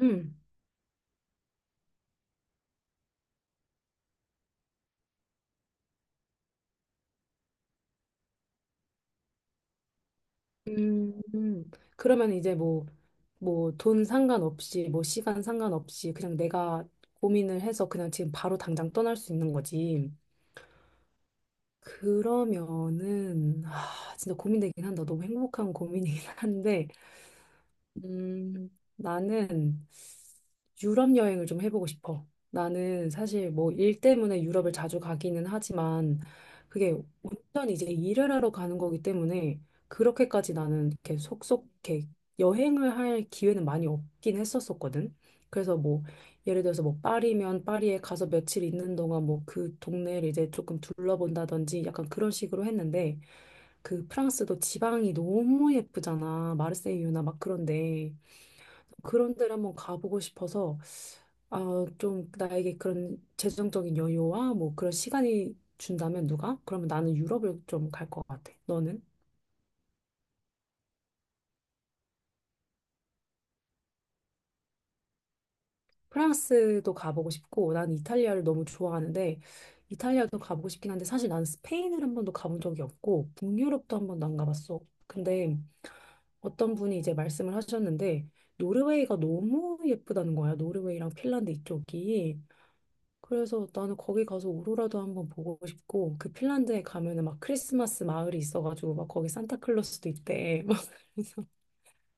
음, 음, 음. 그러면 이제 뭐, 돈 상관없이, 뭐, 시간 상관없이, 그냥 내가 고민을 해서 그냥 지금 바로 당장 떠날 수 있는 거지. 그러면은, 아, 진짜 고민되긴 한다. 너무 행복한 고민이긴 한데, 음, 나는 유럽 여행을 좀 해보고 싶어. 나는 사실 뭐 일 때문에 유럽을 자주 가기는 하지만 그게 완전 이제 일을 하러 가는 거기 때문에 그렇게까지 나는 이렇게 속속 이렇게 여행을 할 기회는 많이 없긴 했었었거든. 그래서 뭐 예를 들어서 뭐 파리면 파리에 가서 며칠 있는 동안 뭐 그 동네를 이제 조금 둘러본다든지 약간 그런 식으로 했는데 그 프랑스도 지방이 너무 예쁘잖아. 마르세유나 막 그런데. 그런 데를 한번 가보고 싶어서 아, 좀 나에게 그런 재정적인 여유와 뭐 그런 시간이 준다면 누가? 그러면 나는 유럽을 좀 갈 것 같아. 너는? 프랑스도 가보고 싶고 난 이탈리아를 너무 좋아하는데 이탈리아도 가보고 싶긴 한데 사실 난 스페인을 한 번도 가본 적이 없고 북유럽도 한 번도 안 가봤어. 근데 어떤 분이 이제 말씀을 하셨는데 노르웨이가 너무 예쁘다는 거야. 노르웨이랑 핀란드 이쪽이. 그래서 나는 거기 가서 오로라도 한번 보고 싶고 그 핀란드에 가면은 막 크리스마스 마을이 있어가지고 막 거기 산타클로스도 있대. 막 그래서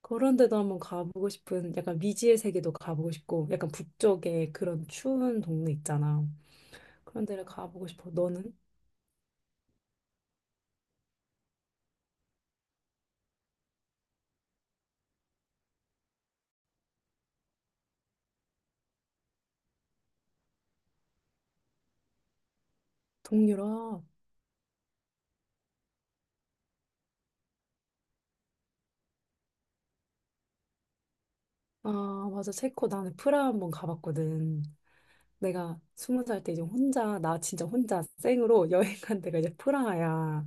그런 데도 한번 가보고 싶은 약간 미지의 세계도 가보고 싶고 약간 북쪽에 그런 추운 동네 있잖아. 그런 데를 가보고 싶어. 너는? 동유럽? 아 맞아, 체코 나는 프라하 한번 가봤거든. 내가 20살 때 이제 혼자, 나 진짜 혼자 생으로 여행 간 데가 이제 프라하야.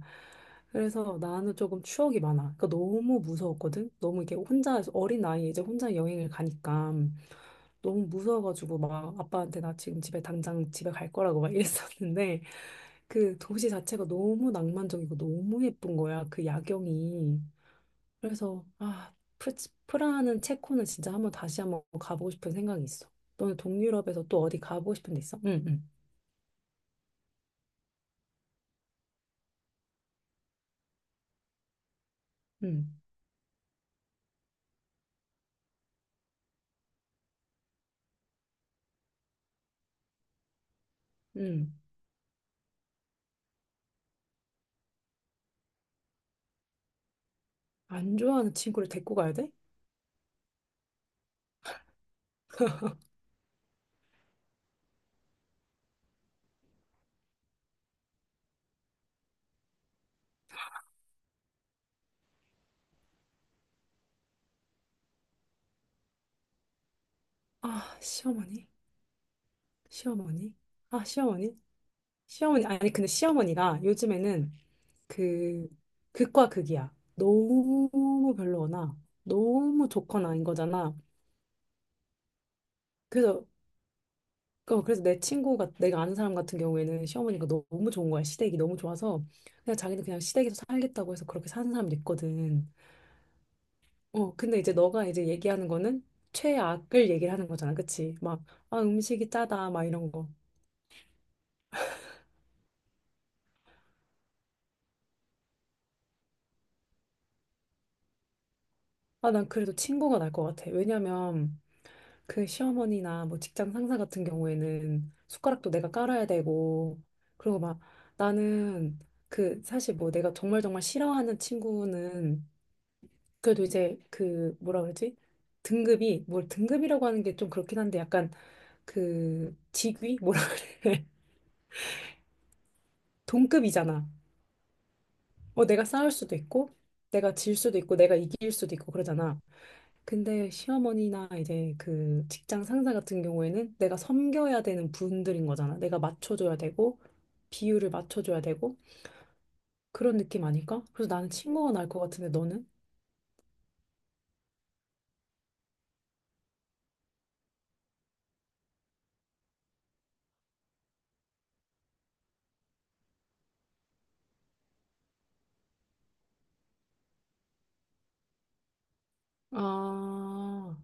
그래서 나는 조금 추억이 많아. 그러니까 너무 무서웠거든? 너무 이게 혼자, 어린 나이에 이제 혼자 여행을 가니까 너무 무서워가지고 막 아빠한테 나 지금 집에 당장 집에 갈 거라고 막 이랬었는데 그 도시 자체가 너무 낭만적이고 너무 예쁜 거야. 그 야경이. 그래서 아, 프라하는, 체코는 진짜 한번, 다시 한번 가보고 싶은 생각이 있어. 너는 동유럽에서 또 어디 가보고 싶은 데 있어? 응, 응, 응, 응. 안 좋아하는 친구를 데리고 가야 돼? 아, 시어머니? 시어머니? 아, 시어머니? 시어머니? 아니, 근데 시어머니가 요즘에는 그, 극과 극이야. 너무 별로거나, 너무 좋거나인 거잖아. 그래서 그래서 내 친구가, 내가 아는 사람 같은 경우에는 시어머니가 너무 좋은 거야. 시댁이 너무 좋아서 그냥 자기는 그냥 시댁에서 살겠다고 해서 그렇게 사는 사람도 있거든. 근데 이제 너가 이제 얘기하는 거는 최악을 얘기를 하는 거잖아. 그치, 막 아 음식이 짜다 막 이런 거아. 난 그래도 친구가 날 것 같아. 왜냐면 그 시어머니나 뭐 직장 상사 같은 경우에는 숟가락도 내가 깔아야 되고 그리고 막 나는 그 사실 뭐 내가 정말 정말 싫어하는 친구는 그래도 이제 그 뭐라 그러지? 등급이, 뭘 등급이라고 하는 게 좀 그렇긴 한데, 약간 그 직위 뭐라 그래? 동급이잖아. 내가 싸울 수도 있고 내가 질 수도 있고 내가 이길 수도 있고 그러잖아. 근데 시어머니나 이제 그 직장 상사 같은 경우에는 내가 섬겨야 되는 분들인 거잖아. 내가 맞춰줘야 되고 비율을 맞춰줘야 되고 그런 느낌 아닐까? 그래서 나는 친구가 날 것 같은데, 너는? 아,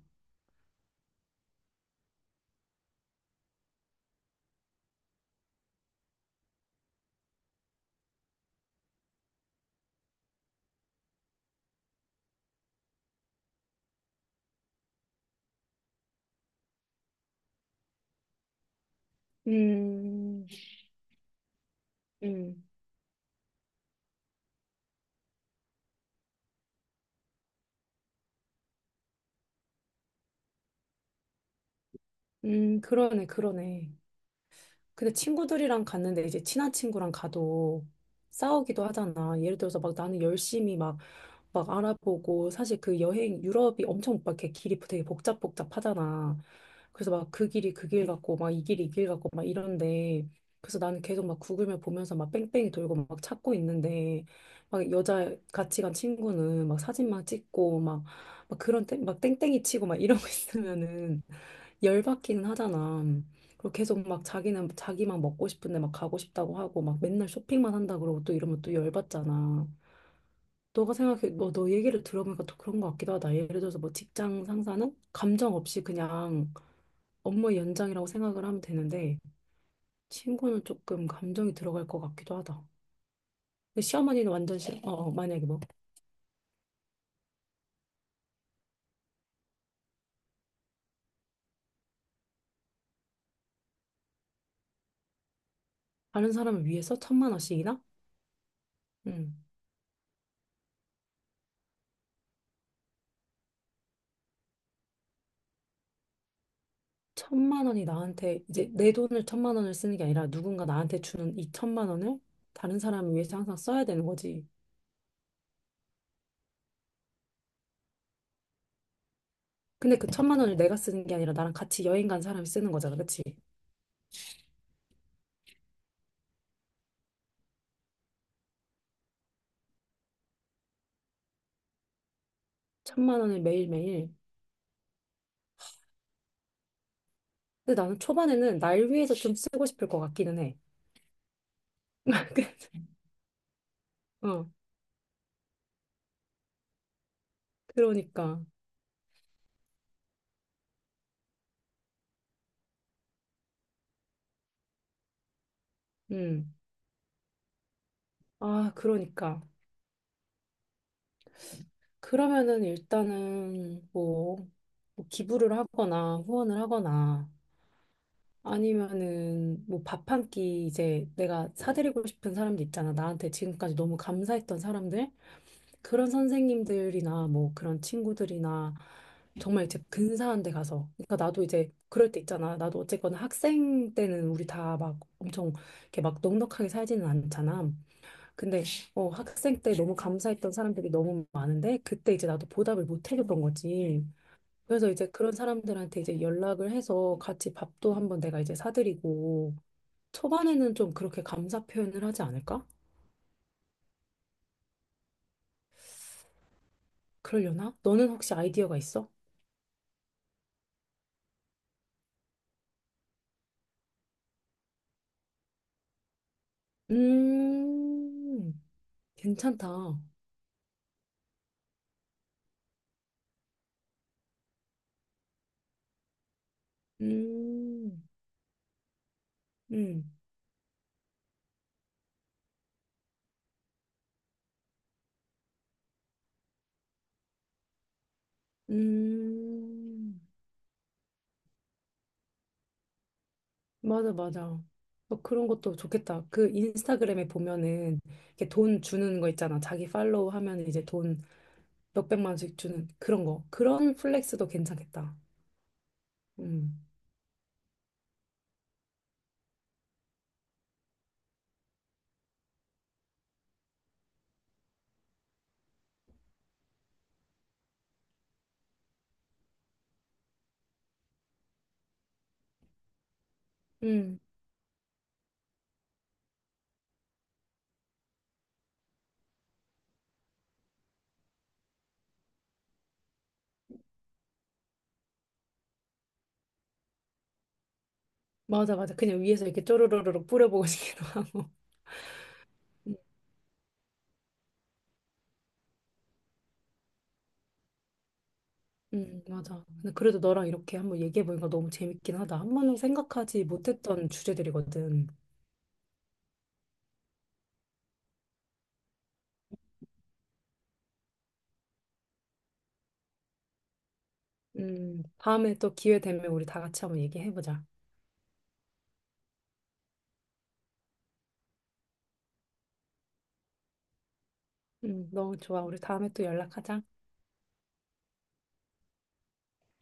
음, 음, 그러네, 그러네. 근데 친구들이랑 갔는데 이제 친한 친구랑 가도 싸우기도 하잖아. 예를 들어서 막 나는 열심히 막 알아보고, 사실 그 여행 유럽이 엄청 막 이렇게 길이 되게 복잡복잡하잖아. 그래서 막 그 길이 그 길 같고 막 이 길이 이 길 같고 막 이런데 그래서 나는 계속 막 구글맵 보면서 막 뺑뺑이 돌고 막 찾고 있는데 막 여자 같이 간 친구는 막 사진만 찍고 막 그런 막 땡땡이 치고 막 이러고 있으면은 열받기는 하잖아. 그리고 계속 막 자기는 자기만 먹고 싶은데 막 가고 싶다고 하고 막 맨날 쇼핑만 한다 그러고 또 이러면 또 열받잖아. 너가 생각해, 너 얘기를 들어보니까 또 그런 것 같기도 하다. 예를 들어서 뭐 직장 상사는 감정 없이 그냥 업무의 연장이라고 생각을 하면 되는데, 친구는 조금 감정이 들어갈 것 같기도 하다. 근데 시어머니는 완전 싫어. 어, 어, 만약에 뭐, 다른 사람을 위해서 1,000만 원씩이나? 음 1,000만 원이 나한테, 이제 내 돈을 1,000만 원을 쓰는 게 아니라 누군가 나한테 주는 이 1,000만 원을 다른 사람을 위해서 항상 써야 되는 거지. 근데 그 1,000만 원을 내가 쓰는 게 아니라 나랑 같이 여행 간 사람이 쓰는 거잖아. 그치? 1,000만 원을 매일매일 근데 나는 초반에는 날 위해서 좀 쓰고 싶을 것 같기는 해. 어, 그러니까. 음. 아, 그러니까. 그러면은 일단은 뭐, 기부를 하거나 후원을 하거나 아니면은 뭐 밥 한 끼 이제 내가 사드리고 싶은 사람들 있잖아. 나한테 지금까지 너무 감사했던 사람들. 그런 선생님들이나 뭐 그런 친구들이나 정말 이제 근사한 데 가서. 그러니까 나도 이제 그럴 때 있잖아. 나도 어쨌거나 학생 때는 우리 다 막 엄청 이렇게 막 넉넉하게 살지는 않잖아. 근데 학생 때 너무 감사했던 사람들이 너무 많은데 그때 이제 나도 보답을 못 해줬던 거지. 그래서 이제 그런 사람들한테 이제 연락을 해서 같이 밥도 한번 내가 이제 사드리고 초반에는 좀 그렇게 감사 표현을 하지 않을까? 그러려나? 너는 혹시 아이디어가 있어? 음, 괜찮다. 음, 음, 음, 맞아, 맞아. 뭐 그런 것도 좋겠다. 그 인스타그램에 보면은 이렇게 돈 주는 거 있잖아. 자기 팔로우 하면 이제 돈 몇백만 원씩 주는 그런 거. 그런 플렉스도 괜찮겠다. 음, 음, 맞아, 맞아. 그냥 위에서 이렇게 쪼르르르 뿌려보고 싶기도 하고. 음, 맞아. 근데 그래도 너랑 이렇게 한번 얘기해보니까 너무 재밌긴 하다. 한 번도 생각하지 못했던 주제들이거든. 다음에 또 기회 되면 우리 다 같이 한번 얘기해보자. 너무 좋아. 우리 다음에 또 연락하자.